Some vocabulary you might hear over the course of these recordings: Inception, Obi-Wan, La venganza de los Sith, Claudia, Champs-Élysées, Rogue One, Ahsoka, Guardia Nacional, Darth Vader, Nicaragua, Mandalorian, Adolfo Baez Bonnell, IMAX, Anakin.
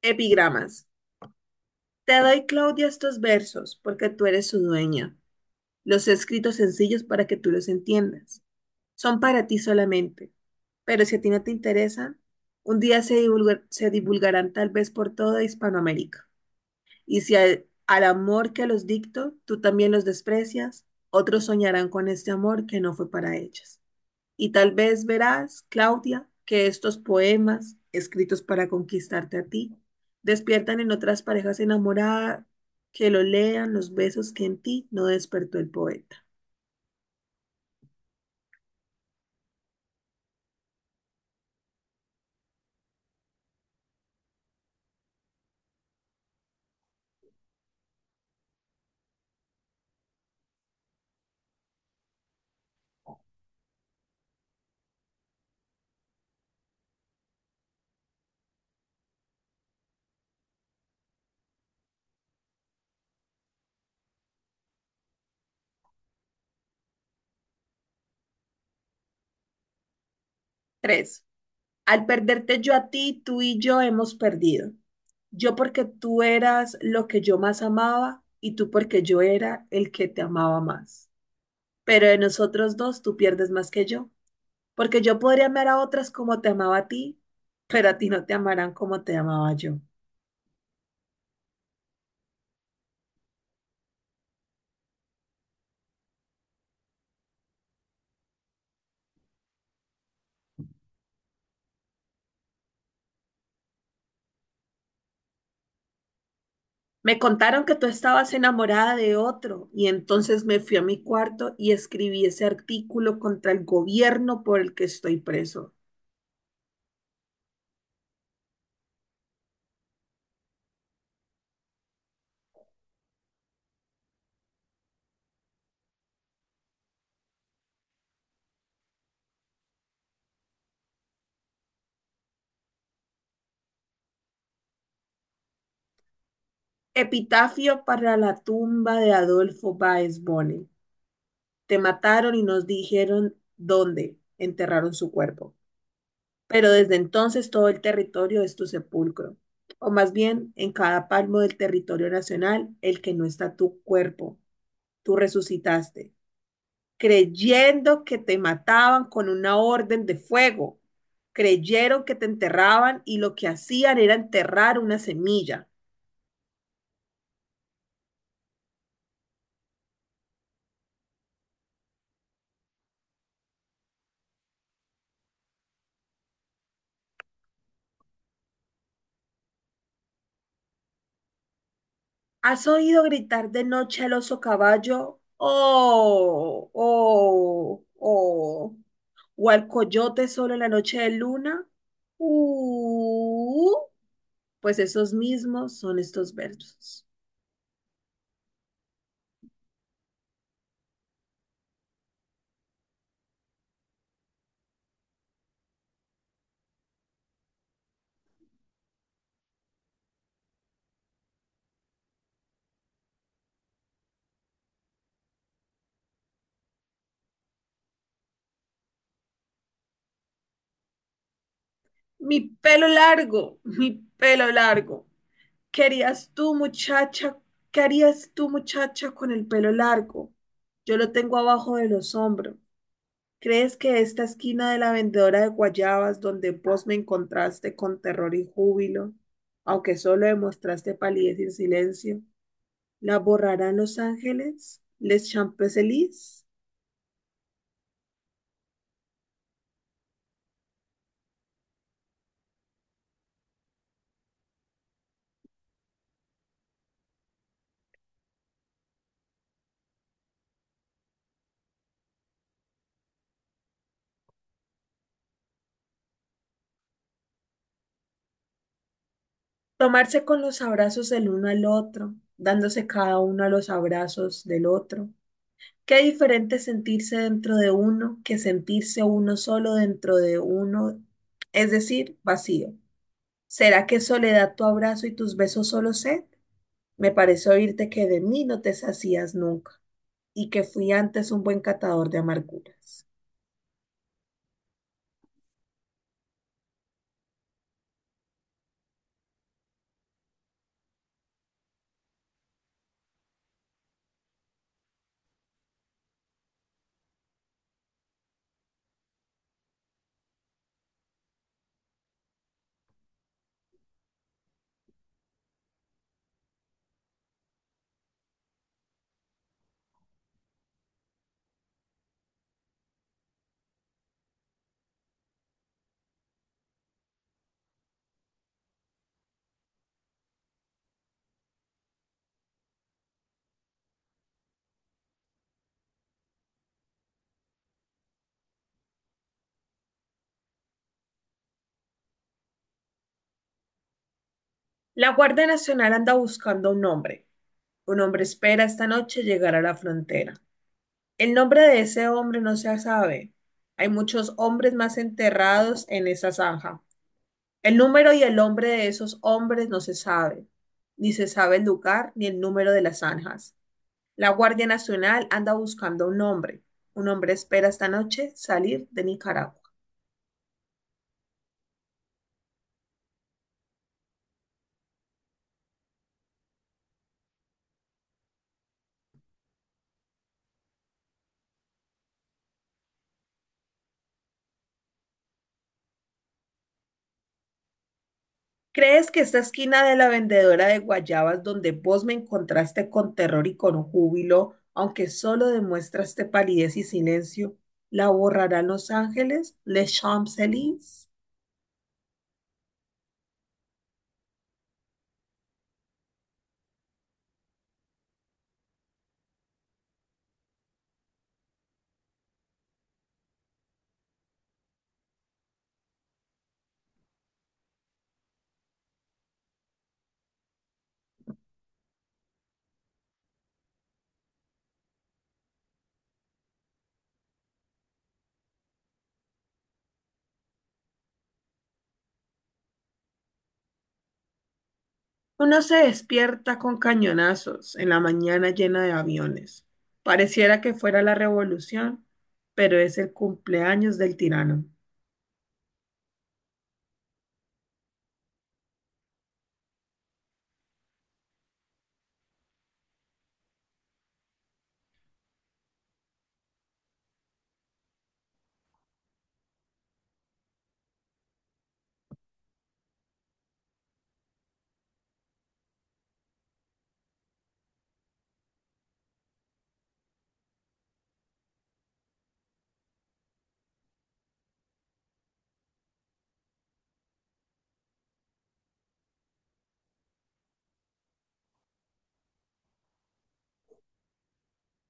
Epigramas. Te doy, Claudia, estos versos porque tú eres su dueña. Los he escrito sencillos para que tú los entiendas. Son para ti solamente, pero si a ti no te interesan, un día se divulgarán tal vez por toda Hispanoamérica. Y si al amor que los dicto tú también los desprecias, otros soñarán con este amor que no fue para ellos. Y tal vez verás, Claudia, que estos poemas, escritos para conquistarte a ti, despiertan en otras parejas enamoradas que lo lean los besos que en ti no despertó el poeta. Tres. Al perderte yo a ti, tú y yo hemos perdido. Yo porque tú eras lo que yo más amaba y tú porque yo era el que te amaba más. Pero de nosotros dos tú pierdes más que yo, porque yo podría amar a otras como te amaba a ti, pero a ti no te amarán como te amaba yo. Me contaron que tú estabas enamorada de otro y entonces me fui a mi cuarto y escribí ese artículo contra el gobierno por el que estoy preso. Epitafio para la tumba de Adolfo Baez Bonnell. Te mataron y nos dijeron dónde enterraron su cuerpo. Pero desde entonces todo el territorio es tu sepulcro. O más bien, en cada palmo del territorio nacional, el que no está tu cuerpo, tú resucitaste, creyendo que te mataban con una orden de fuego. Creyeron que te enterraban y lo que hacían era enterrar una semilla. ¿Has oído gritar de noche al oso caballo? Oh, oh, oh. O al coyote solo en la noche de luna, uh, pues esos mismos son estos versos. Mi pelo largo, mi pelo largo. ¿Qué harías tú, muchacha? ¿Qué harías tú, muchacha, con el pelo largo? Yo lo tengo abajo de los hombros. ¿Crees que esta esquina de la vendedora de guayabas, donde vos me encontraste con terror y júbilo, aunque solo demostraste palidez y silencio, la borrarán los ángeles, les Champs-Élysées, tomarse con los abrazos el uno al otro, dándose cada uno a los abrazos del otro? Qué diferente sentirse dentro de uno que sentirse uno solo dentro de uno, es decir, vacío. ¿Será que soledad tu abrazo y tus besos solo sed? Me pareció oírte que de mí no te sacías nunca y que fui antes un buen catador de amarguras. La Guardia Nacional anda buscando a un hombre. Un hombre espera esta noche llegar a la frontera. El nombre de ese hombre no se sabe. Hay muchos hombres más enterrados en esa zanja. El número y el nombre de esos hombres no se sabe. Ni se sabe el lugar ni el número de las zanjas. La Guardia Nacional anda buscando un hombre. Un hombre espera esta noche salir de Nicaragua. ¿Crees que esta esquina de la vendedora de guayabas donde vos me encontraste con terror y con júbilo, aunque solo demuestraste palidez y silencio, la borrarán los ángeles, les Champs-Élysées? Uno se despierta con cañonazos en la mañana llena de aviones. Pareciera que fuera la revolución, pero es el cumpleaños del tirano.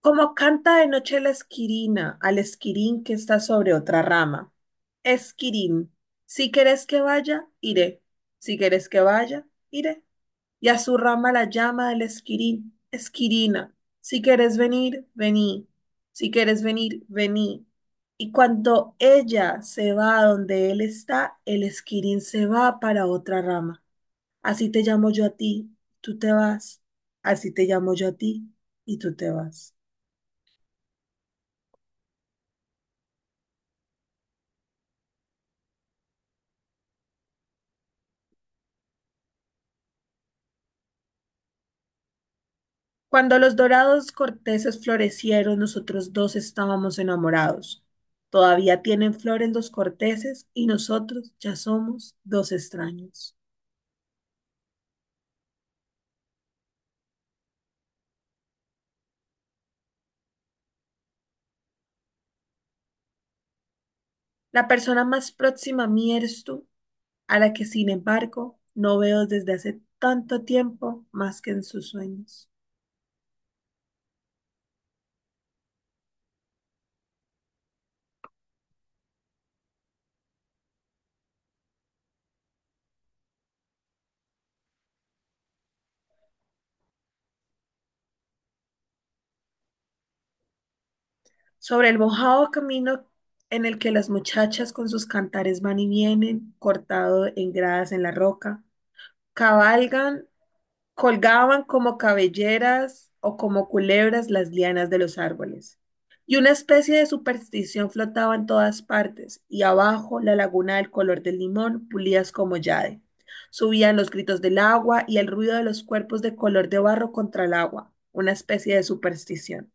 Como canta de noche la esquirina al esquirín que está sobre otra rama. Esquirín, si querés que vaya, iré. Si querés que vaya, iré. Y a su rama la llama el esquirín. Esquirina, si querés venir, vení. Si querés venir, vení. Y cuando ella se va a donde él está, el esquirín se va para otra rama. Así te llamo yo a ti, tú te vas. Así te llamo yo a ti, y tú te vas. Cuando los dorados corteses florecieron, nosotros dos estábamos enamorados. Todavía tienen flores los corteses y nosotros ya somos dos extraños. La persona más próxima a mí eres tú, a la que sin embargo no veo desde hace tanto tiempo más que en sus sueños. Sobre el mojado camino en el que las muchachas con sus cantares van y vienen, cortado en gradas en la roca, cabalgan. Colgaban como cabelleras o como culebras las lianas de los árboles. Y una especie de superstición flotaba en todas partes, y abajo la laguna del color del limón pulías como jade. Subían los gritos del agua y el ruido de los cuerpos de color de barro contra el agua, una especie de superstición.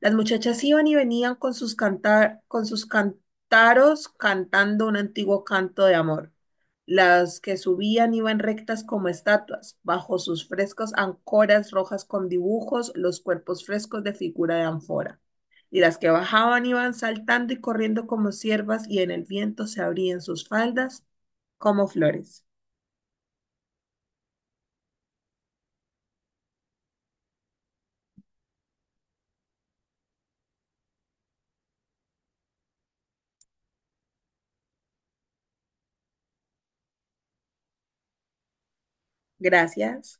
Las muchachas iban y venían con sus cantar, con sus cantaros cantando un antiguo canto de amor. Las que subían iban rectas como estatuas, bajo sus frescos ancoras rojas con dibujos, los cuerpos frescos de figura de ánfora. Y las que bajaban iban saltando y corriendo como ciervas, y en el viento se abrían sus faldas como flores. Gracias.